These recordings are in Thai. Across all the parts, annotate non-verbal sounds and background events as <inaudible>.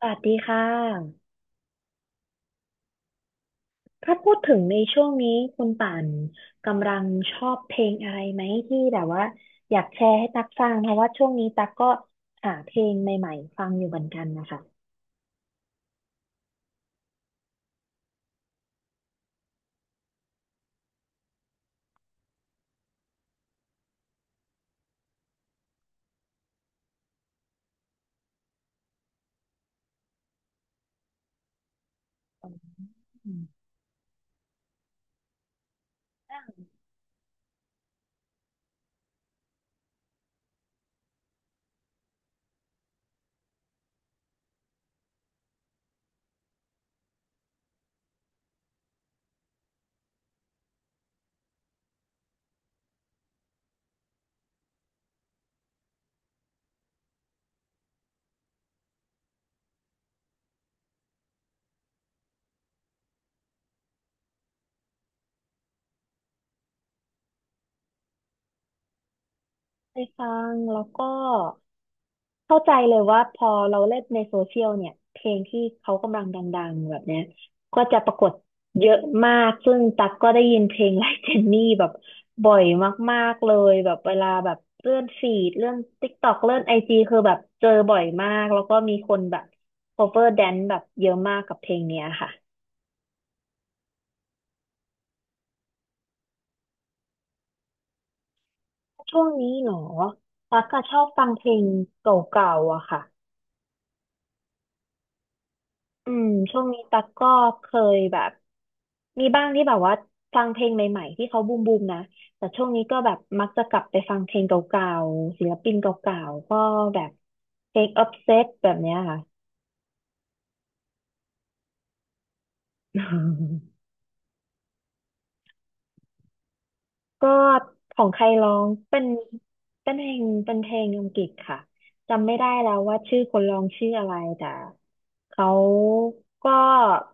สวัสดีค่ะ ถ้าพูดถึงในช่วงนี้คุณป่านกำลังชอบเพลงอะไรไหมที่แบบว่าอยากแชร์ให้ตักฟังเพราะว่าช่วงนี้ตักก็หาเพลงใหม่ๆฟังอยู่เหมือนกันนะคะ ไปฟังแล้วก็เข้าใจเลยว่าพอเราเล่นในโซเชียลเนี่ยเพลงที่เขากำลังดังๆแบบเนี้ยก็จะปรากฏเยอะมากซึ่งตักก็ได้ยินเพลงไลค์เจนนี่แบบบ่อยมากๆเลยแบบเวลาแบบเลื่อนฟีดเลื่อน TikTok เลื่อนไอจีคือแบบเจอบ่อยมากแล้วก็มีคนแบบ cover dance แบบเยอะมากกับเพลงเนี้ยค่ะช่วงนี้เหรอตักก็ชอบฟังเพลงเก่าๆอะค่ะ อืมช่วงนี้ตั๊กก็เคยแบบมีบ้างที่แบบว่าฟังเพลงใหม่ๆที่เขาบูมบูมนะแต่ช่วงนี้ก็แบบมักจะกลับไปฟังเพลงเก่าๆศิลปินเก่าๆก็แบบเพลง Obsessed แบบเนี้ยค่ะอืมก็ของใครร้องเป็นเป็นเพลงเป็นเพลงอังกฤษค่ะจำไม่ได้แล้วว่าชื่อคนร้องชื่ออะไรแต่เขาก็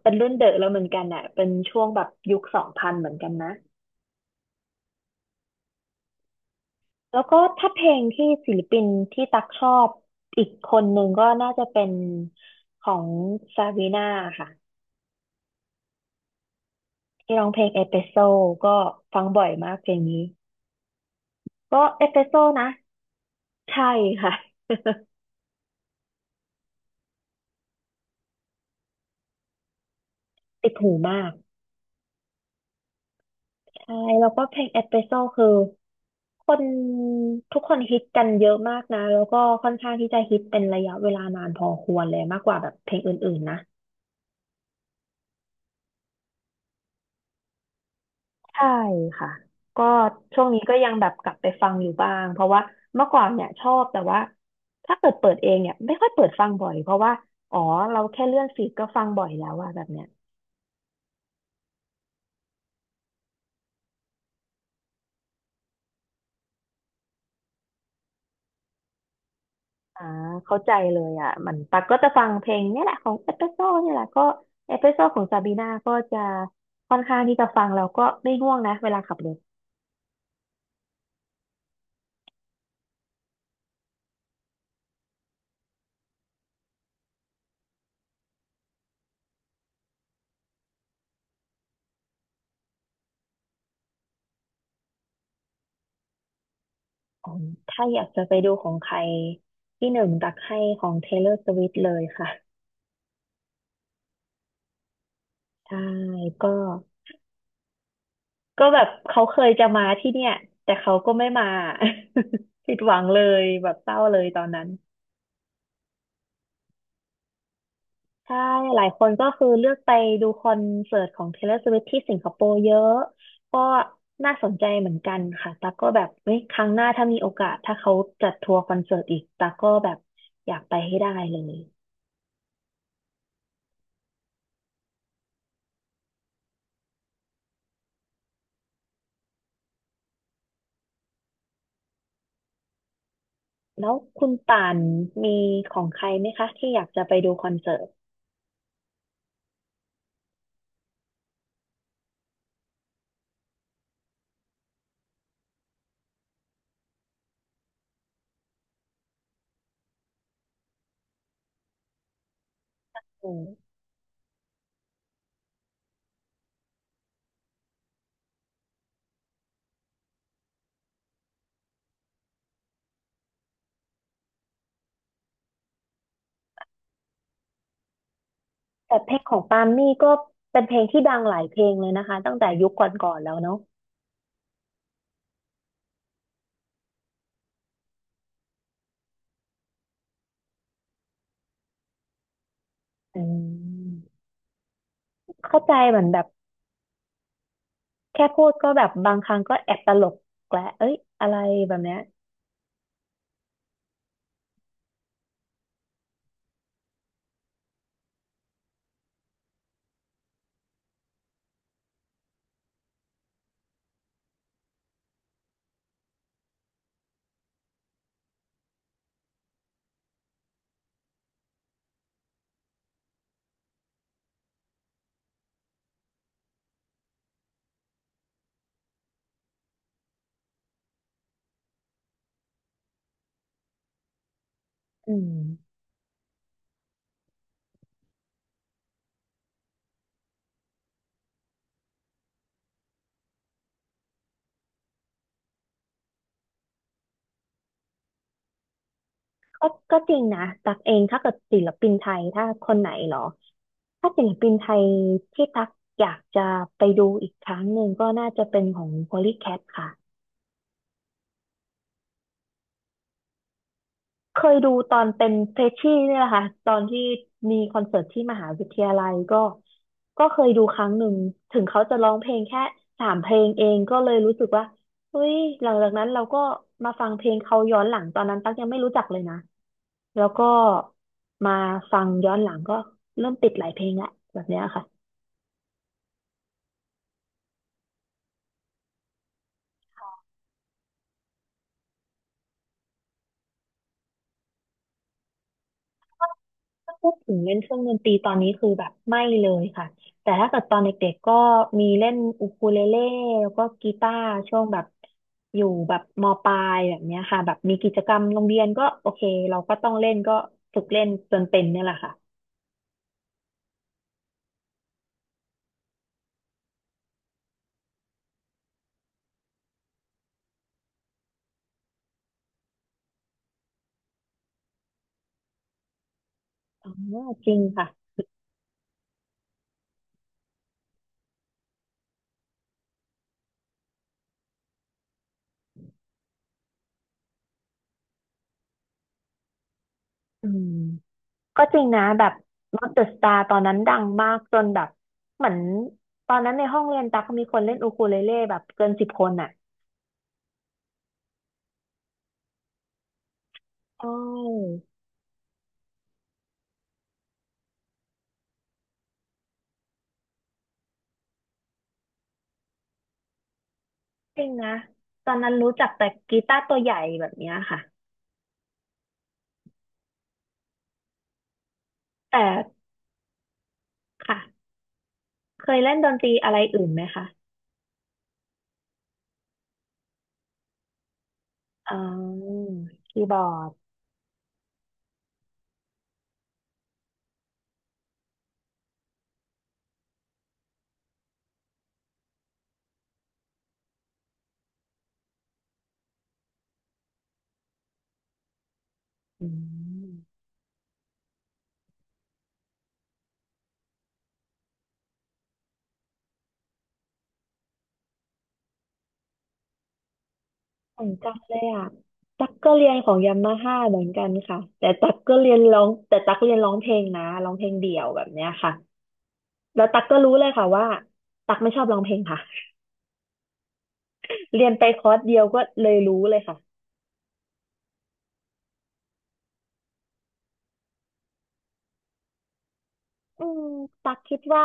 เป็นรุ่นเดอะแล้วเหมือนกันอ่ะเป็นช่วงแบบยุค 2000เหมือนกันนะ แล้วก็ถ้าเพลงที่ศิลปินที่ตักชอบอีกคนหนึ่งก็น่าจะเป็นของซาวีนาค่ะที่ร้องเพลงเอสเปรสโซก็ฟังบ่อยมากเพลงนี้ก็เอสเปรสโซนะใช่ค่ะติดหูมากใช่แล้วก็เพลงเอสเปรสโซคือคนทุกคนฮิตกันเยอะมากนะแล้วก็ค่อนข้างที่จะฮิตเป็นระยะเวลานานพอควรเลยมากกว่าแบบเพลงอื่นๆนะ ใช่ค่ะก็ช่วงนี้ก็ยังแบบกลับไปฟังอยู่บ้างเพราะว่าเมื่อก่อนเนี่ยชอบแต่ว่าถ้าเกิดเปิดเองเนี่ยไม่ค่อยเปิดฟังบ่อยเพราะว่าอ๋อเราแค่เลื่อนฟีดก็ฟังบ่อยแล้วอะแบบเนี้ยอ่าเข้าใจเลยอ่ะมันปักก็จะฟังเพลงเนี่ยแหละของเอสเปรสโซ่เนี่ยแหละก็เอสเปรสโซ่ของซาบีนาก็จะค่อนข้างที่จะฟังแล้วก็ไม่ง่วงนะเวลาขับรถอ๋อถ้าอยากจะไปดูของใครที่หนึ่งตักให้ของ Taylor Swift เลยค่ะใช่ก็ ก็แบบเขาเคยจะมาที่เนี่ยแต่เขาก็ไม่มา <laughs> ผิดหวังเลยแบบเศร้าเลยตอนนั้นใช่หลายคนก็คือเลือกไปดูคอนเสิร์ตของ Taylor Swift ที่สิงคโปร์เยอะก็น่าสนใจเหมือนกันค่ะตากก็แบบเฮ้ยครั้งหน้าถ้ามีโอกาสถ้าเขาจัดทัวร์คอนเสิร์ตอีกตากก็แบบอยากไปให้ได้เลยแล้วคุณป่านมีของใครไหมคะที่อยากจะไปดูคอนเสิร์ตอืม แต่เพลงของปาล์มมี่ก็เป็นเพลงที่ดังหลายเพลงเลยนะคะตั้งแต่ยุคก่อนๆแล้วเนาะอืมเข้าใจเหมือนแบบแค่พูดก็แบบบางครั้งก็แอบตลกแกละเอ้ยอะไรแบบเนี้ยอืมก็ก็จริงนะตักเองถ้าเกิดศิลปินไทยถ้าคนไหนเหรอถ้าศิลปินไทยที่ตักอยากจะไปดูอีกครั้งหนึ่งก็น่าจะเป็นของ Polycat ค่ะ เคยดูตอนเป็นเฟรชชี่เนี่ยแหละค่ะตอนที่มีคอนเสิร์ตที่มหาวิทยาลัยก็ก็เคยดูครั้งหนึ่งถึงเขาจะร้องเพลงแค่3 เพลงเองก็เลยรู้สึกว่าเฮ้ยหลังจากนั้นเราก็มาฟังเพลงเขาย้อนหลังตอนนั้นตั๊กยังไม่รู้จักเลยนะแล้วก็มาฟังย้อนหลังก็เริ่มติดหลายเพลงแหละแบบเนี้ยค่ะ ถ้าพูดถึงเล่นเครื่องดนตรีตอนนี้คือแบบไม่เลยค่ะแต่ถ้าเกิดตอนเด็กๆก็มีเล่นอูคูเลเล่แล้วก็กีตาร์ช่วงแบบอยู่แบบมปลายแบบเนี้ยค่ะแบบมีกิจกรรมโรงเรียนก็โอเคเราก็ต้องเล่นก็ฝึกเล่นจนเป็นเนี่ยแหละค่ะอ๋อจริงค่ะอืมก็จริงนะแบบ Not the Star ตอนนั้นดังมากจนแบบเหมือนตอนนั้นในห้องเรียนตักมีคนเล่นอูคูเลเล่แบบเกิน 10 คนอ่ะใช่ จริงนะตอนนั้นรู้จักแต่กีตาร์ตัวใหญ่แบบเนี้ยค่ะแต่ค่ะเคยเล่นดนตรีอะไรอื่นไหมคะอ๋อคีย์บอร์ดอืมเหมือนกันเลยอ่ะตั๊กก็เรียนของยามาฮ่าเหมือนกันค่ะแต่ตั๊กก็เรียนร้องแต่ตั๊กเรียนร้องเพลงนะร้องเพลงเดี่ยวแบบเนี้ยค่ะแล้วตั๊กก็รู้เลยค่ะว่าตั๊กไม่ชอบร้องเพลงค่ะ <laughs> เรียนไปคอร์สเดียวก็เลยรู้เลยค่ะ อืมตักคิดว่า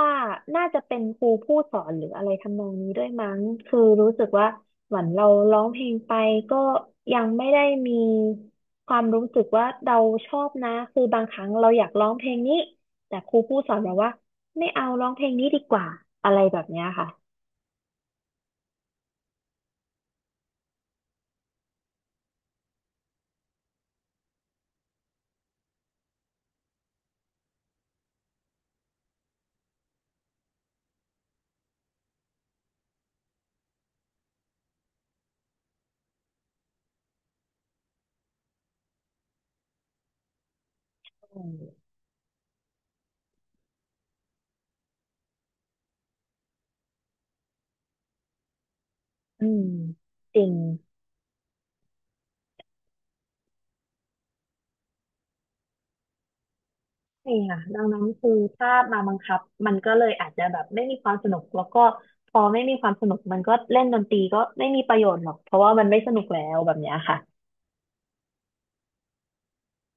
น่าจะเป็นครูผู้สอนหรืออะไรทำนองนี้ด้วยมั้งคือรู้สึกว่าเหมือนเราร้องเพลงไปก็ยังไม่ได้มีความรู้สึกว่าเราชอบนะคือบางครั้งเราอยากร้องเพลงนี้แต่ครูผู้สอนบอกว่าไม่เอาร้องเพลงนี้ดีกว่า อะไรแบบเนี้ยค่ะอืมอืม จริง ใช่ค่ะดังนั้นคือถ้ามาบังคับมันก็เลยอาจจะแบบไม่มีความสนุกแล้วก็พอไม่มีความสนุกมันก็เล่นดนตรีก็ไม่มีประโยชน์หรอกเพราะว่ามันไม่สนุกแล้วแบบเนี้ยค่ะ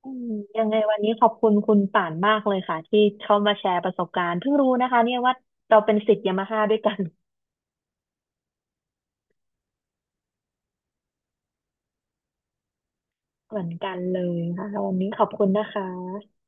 อืมยังไงวันนี้ขอบคุณคุณป่านมากเลยค่ะที่เข้ามาแชร์ประสบการณ์เพิ่งรู้นะคะเนี่ยว่าเราเป็นศิษย์ยามาฮ่าด้วยกันเหมือนกันเลยค่ะวันนี้ขอบคุณนะคะ